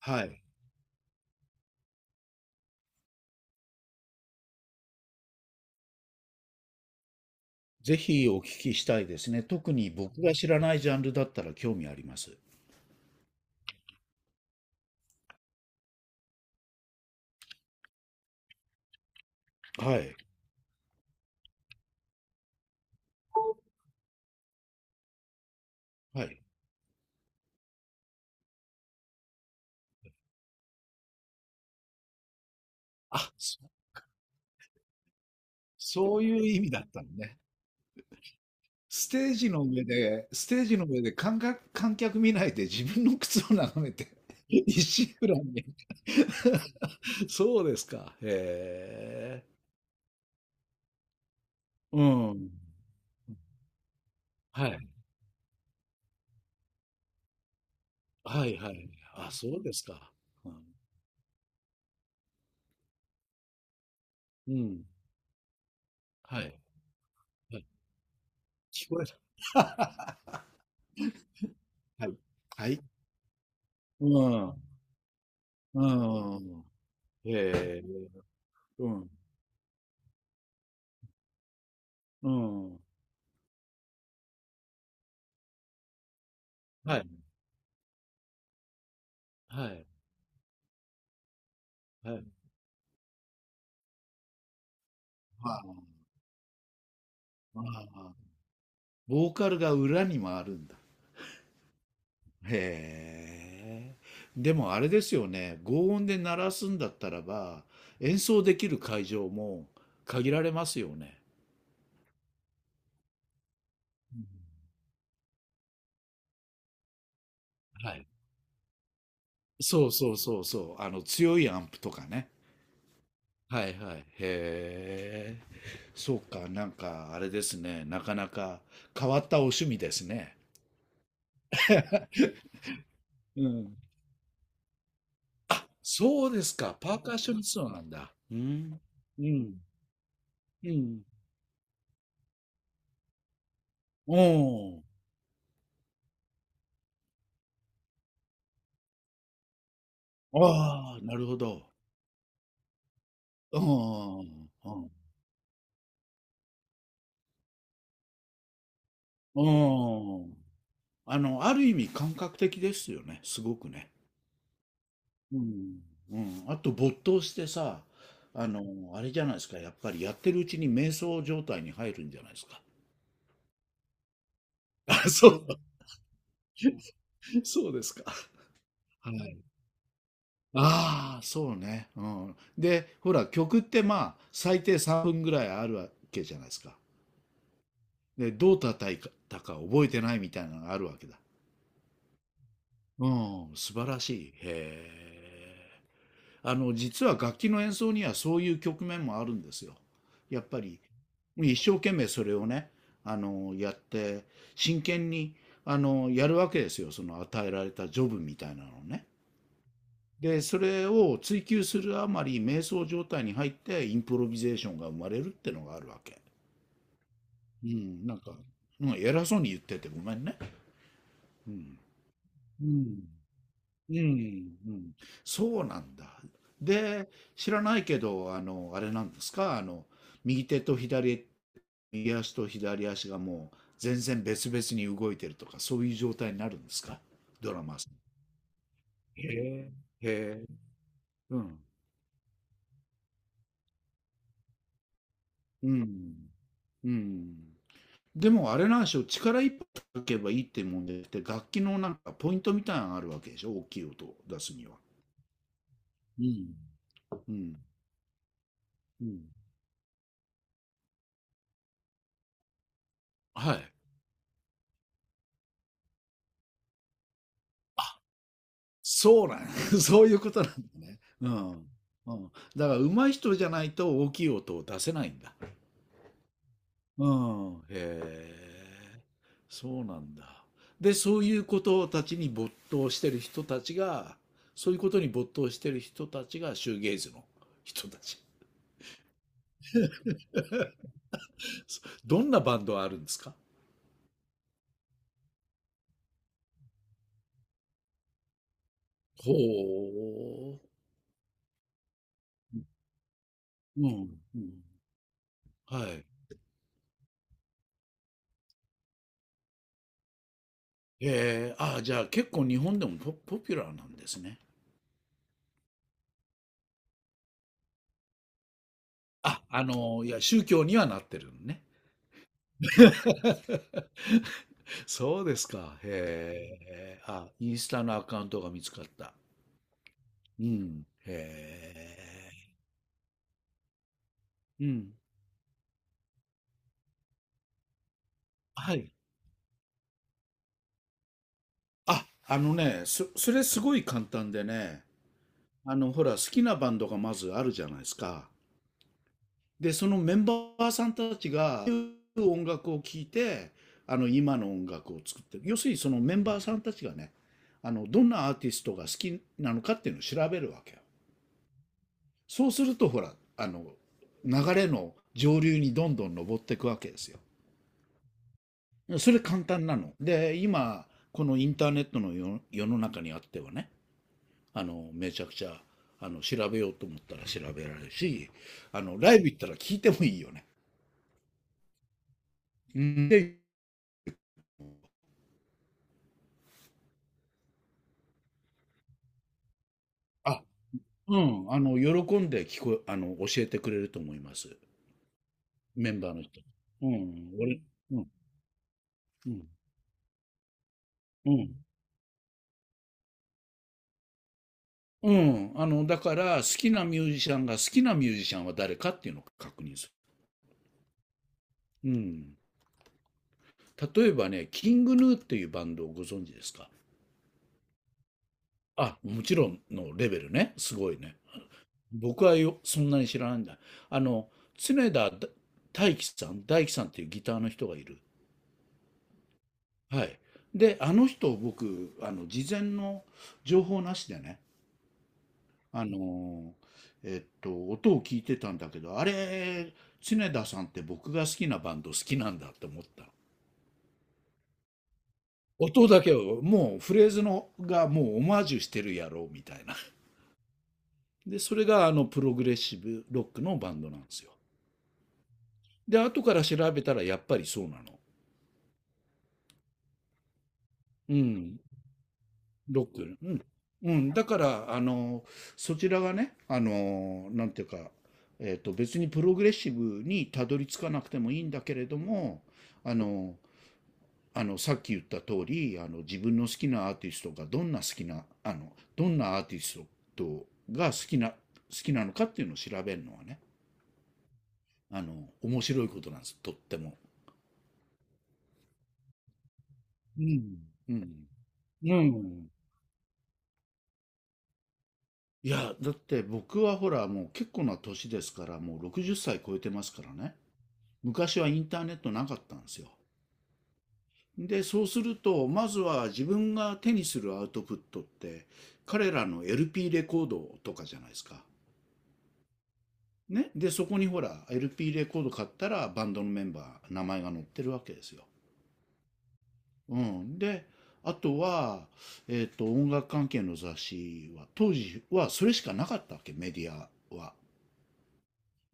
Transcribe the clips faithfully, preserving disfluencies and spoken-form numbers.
はい。ぜひお聞きしたいですね。特に僕が知らないジャンルだったら興味あります。はい。はい。あ、そそういう意味だったのね。ステージの上で、ステージの上で観客観客見ないで自分の靴を眺めて、石浦に。そうですか。へえ。うん。はい。はいはい。あ、そうですか。うん。うん。はい。はい。聞こえた。はい。はい。うん。うん。ええ。うん。うん。はい。はい。はい。ああ、ああ。ボーカルが裏にもあるんだ。へえ。でもあれですよね、強音で鳴らすんだったらば、演奏できる会場も限られますよね。うん。はい。そうそうそうそう。あの、強いアンプとかね。はいはい。へえ。そうか、なんか、あれですね。なかなか変わったお趣味ですね。うん。あ、そうですか。パーカッショニストなんだ。うん。うん。うん。うん。ああ、なるほど。うん。うん。うん。あの、ある意味感覚的ですよね。すごくね。うん。うん。あと没頭してさ、あの、あれじゃないですか。やっぱりやってるうちに瞑想状態に入るんじゃないですか。あ、そう。そうですか。はい。ああ、そうね。うん。で、ほら、曲ってまあ、最低さんぷんぐらいあるわけじゃないですか。で、どう叩いたか覚えてないみたいなのがあるわけだ。うん、素晴らしい。へえ。あの、実は楽器の演奏にはそういう局面もあるんですよ。やっぱり、一生懸命それをね、あの、やって、真剣に、あの、やるわけですよ。その与えられたジョブみたいなのをね。で、それを追求するあまり瞑想状態に入ってインプロビゼーションが生まれるってのがあるわけ。うん、なんか、うん、偉そうに言っててごめんね。うん。うん。うん。うん。そうなんだ。で、知らないけど、あの、あれなんですか、あの、右手と左、右足と左足がもう全然別々に動いてるとか、そういう状態になるんですか？ドラマーさん。へえ。へえ。うん。うん。うん。でもあれなんでしょう、力一いかけばいいってもんでって、で楽器のなんかポイントみたいなのがあるわけでしょ、大きい音を出すには。うん。うん。うん。はい。そうなん そういうことなんだね。うん。うん。だから上手い人じゃないと大きい音を出せないんだ。うん。へえ。そうなんだ。で、そういうことたちに没頭してる人たちが、そういうことに没頭してる人たちがシューゲイズの人たち。どんなバンドあるんですか？ほう。うん、うん。はい。ええ、ああ、じゃあ結構日本でもポポピュラーなんですね。あ、あの、いや、宗教にはなってるのね。そうですか。へえ。あ、インスタのアカウントが見つかった。うん。へえ。うん。はい。あ、あのね、そそれすごい簡単でね、あの、ほら、好きなバンドがまずあるじゃないですか。で、そのメンバーさんたちが、音楽を聴いて、あの、今の音楽を作ってる。要するにそのメンバーさんたちがね、あの、どんなアーティストが好きなのかっていうのを調べるわけよ。そうすると、ほら、あの、流れの上流にどんどん上っていくわけですよ。それ簡単なの。で、今、このインターネットの世世の中にあってはね、あの、めちゃくちゃ、あの、調べようと思ったら調べられるし、あの、ライブ行ったら聞いてもいいよね。で、あ、うん、あの、喜んで聞こあの、教えてくれると思います。メンバーの人。うん、俺、うん、うん、うん。うん、あの、だから、好きなミュージシャンが好きなミュージシャンは誰かっていうのを確認する。うん。例えばね、キングヌーっていうバンドをご存知ですか？あ、もちろんのレベルね。すごいね。僕はよ、そんなに知らないんだ。あの、常田大大樹さん、大樹さんっていうギターの人がいる。はい。で、あの人、僕、あの、事前の情報なしでね、あのえっと、音を聞いてたんだけど、あれ、常田さんって僕が好きなバンド好きなんだって思った。音だけを、もうフレーズのがもうオマージュしてるやろうみたいな。で、それがあのプログレッシブロックのバンドなんですよ。で、後から調べたらやっぱりそうなの。うん。ロック。うん。うん、だから、あの、そちらがね、あの、なんていうか、えっと、別にプログレッシブにたどり着かなくてもいいんだけれども、あの、あの、さっき言った通り、あの、自分の好きなアーティストがどんな好きな、あの、どんなアーティストが好きな、好きな、のかっていうのを調べるのはね、あの、面白いことなんです、とっても。うん、うん、うん。いや、だって僕はほら、もう結構な年ですから、もうろくじっさい超えてますからね。昔はインターネットなかったんですよ。で、そうすると、まずは自分が手にするアウトプットって、彼らの エルピー レコードとかじゃないですか。ね。で、そこにほら、エルピー レコード買ったら、バンドのメンバー、名前が載ってるわけですよ。うん。で、あとは、えっ、と、音楽関係の雑誌は、当時はそれしかなかったわけ、メディアは。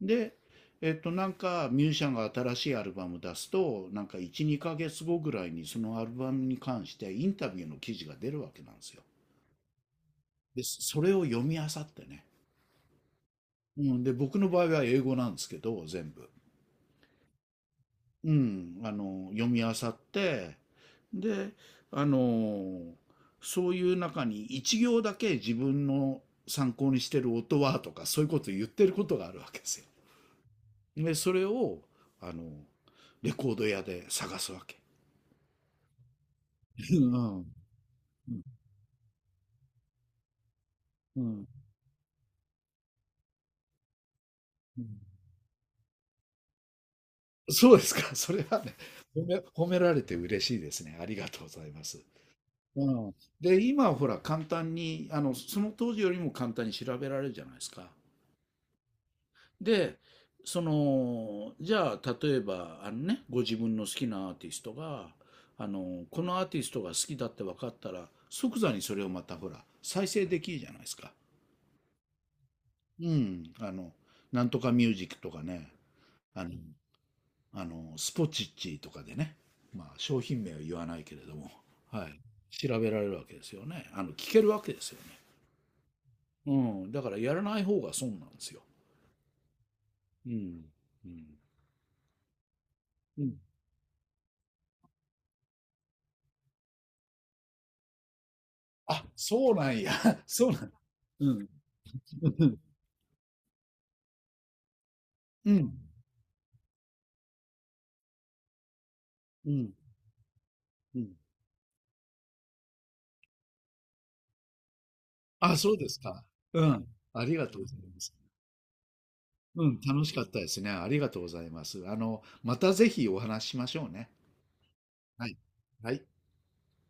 で、えっと、なんかミュージシャンが新しいアルバム出すと、なんかいち、にかげつごぐらいにそのアルバムに関してインタビューの記事が出るわけなんですよ。で、それを読み漁ってね。うん、で、僕の場合は英語なんですけど、全部。うん、あの、読み漁って、で、あの、そういう中に一行だけ自分の参考にしてる音はとか、そういうことを言ってることがあるわけですよ。で、それを、あの、レコード屋で探すわけ。うん。うん。うん。そうですか。それはね、褒め、褒められて嬉しいですね。ありがとうございます。うん。で、今はほら簡単に、あの、その当時よりも簡単に調べられるじゃないですか。で、その、じゃあ、例えば、あのね、ご自分の好きなアーティストが、あの、このアーティストが好きだって分かったら、即座にそれをまたほら、再生できるじゃないですか。うん、あの、なんとかミュージックとかね、あの、あの、スポチッチとかでね、まあ、商品名は言わないけれども、はい、調べられるわけですよね。あの、聞けるわけですよね。うん、だからやらない方が損なんですよ。うん、うん、うん。あ、そうなんや。そうなん。うん、うん、うん、うん、あ、そうですか。うん、ありがとうございます。うん、楽しかったですね。ありがとうございます。あの、またぜひお話ししましょうね。はい。はい。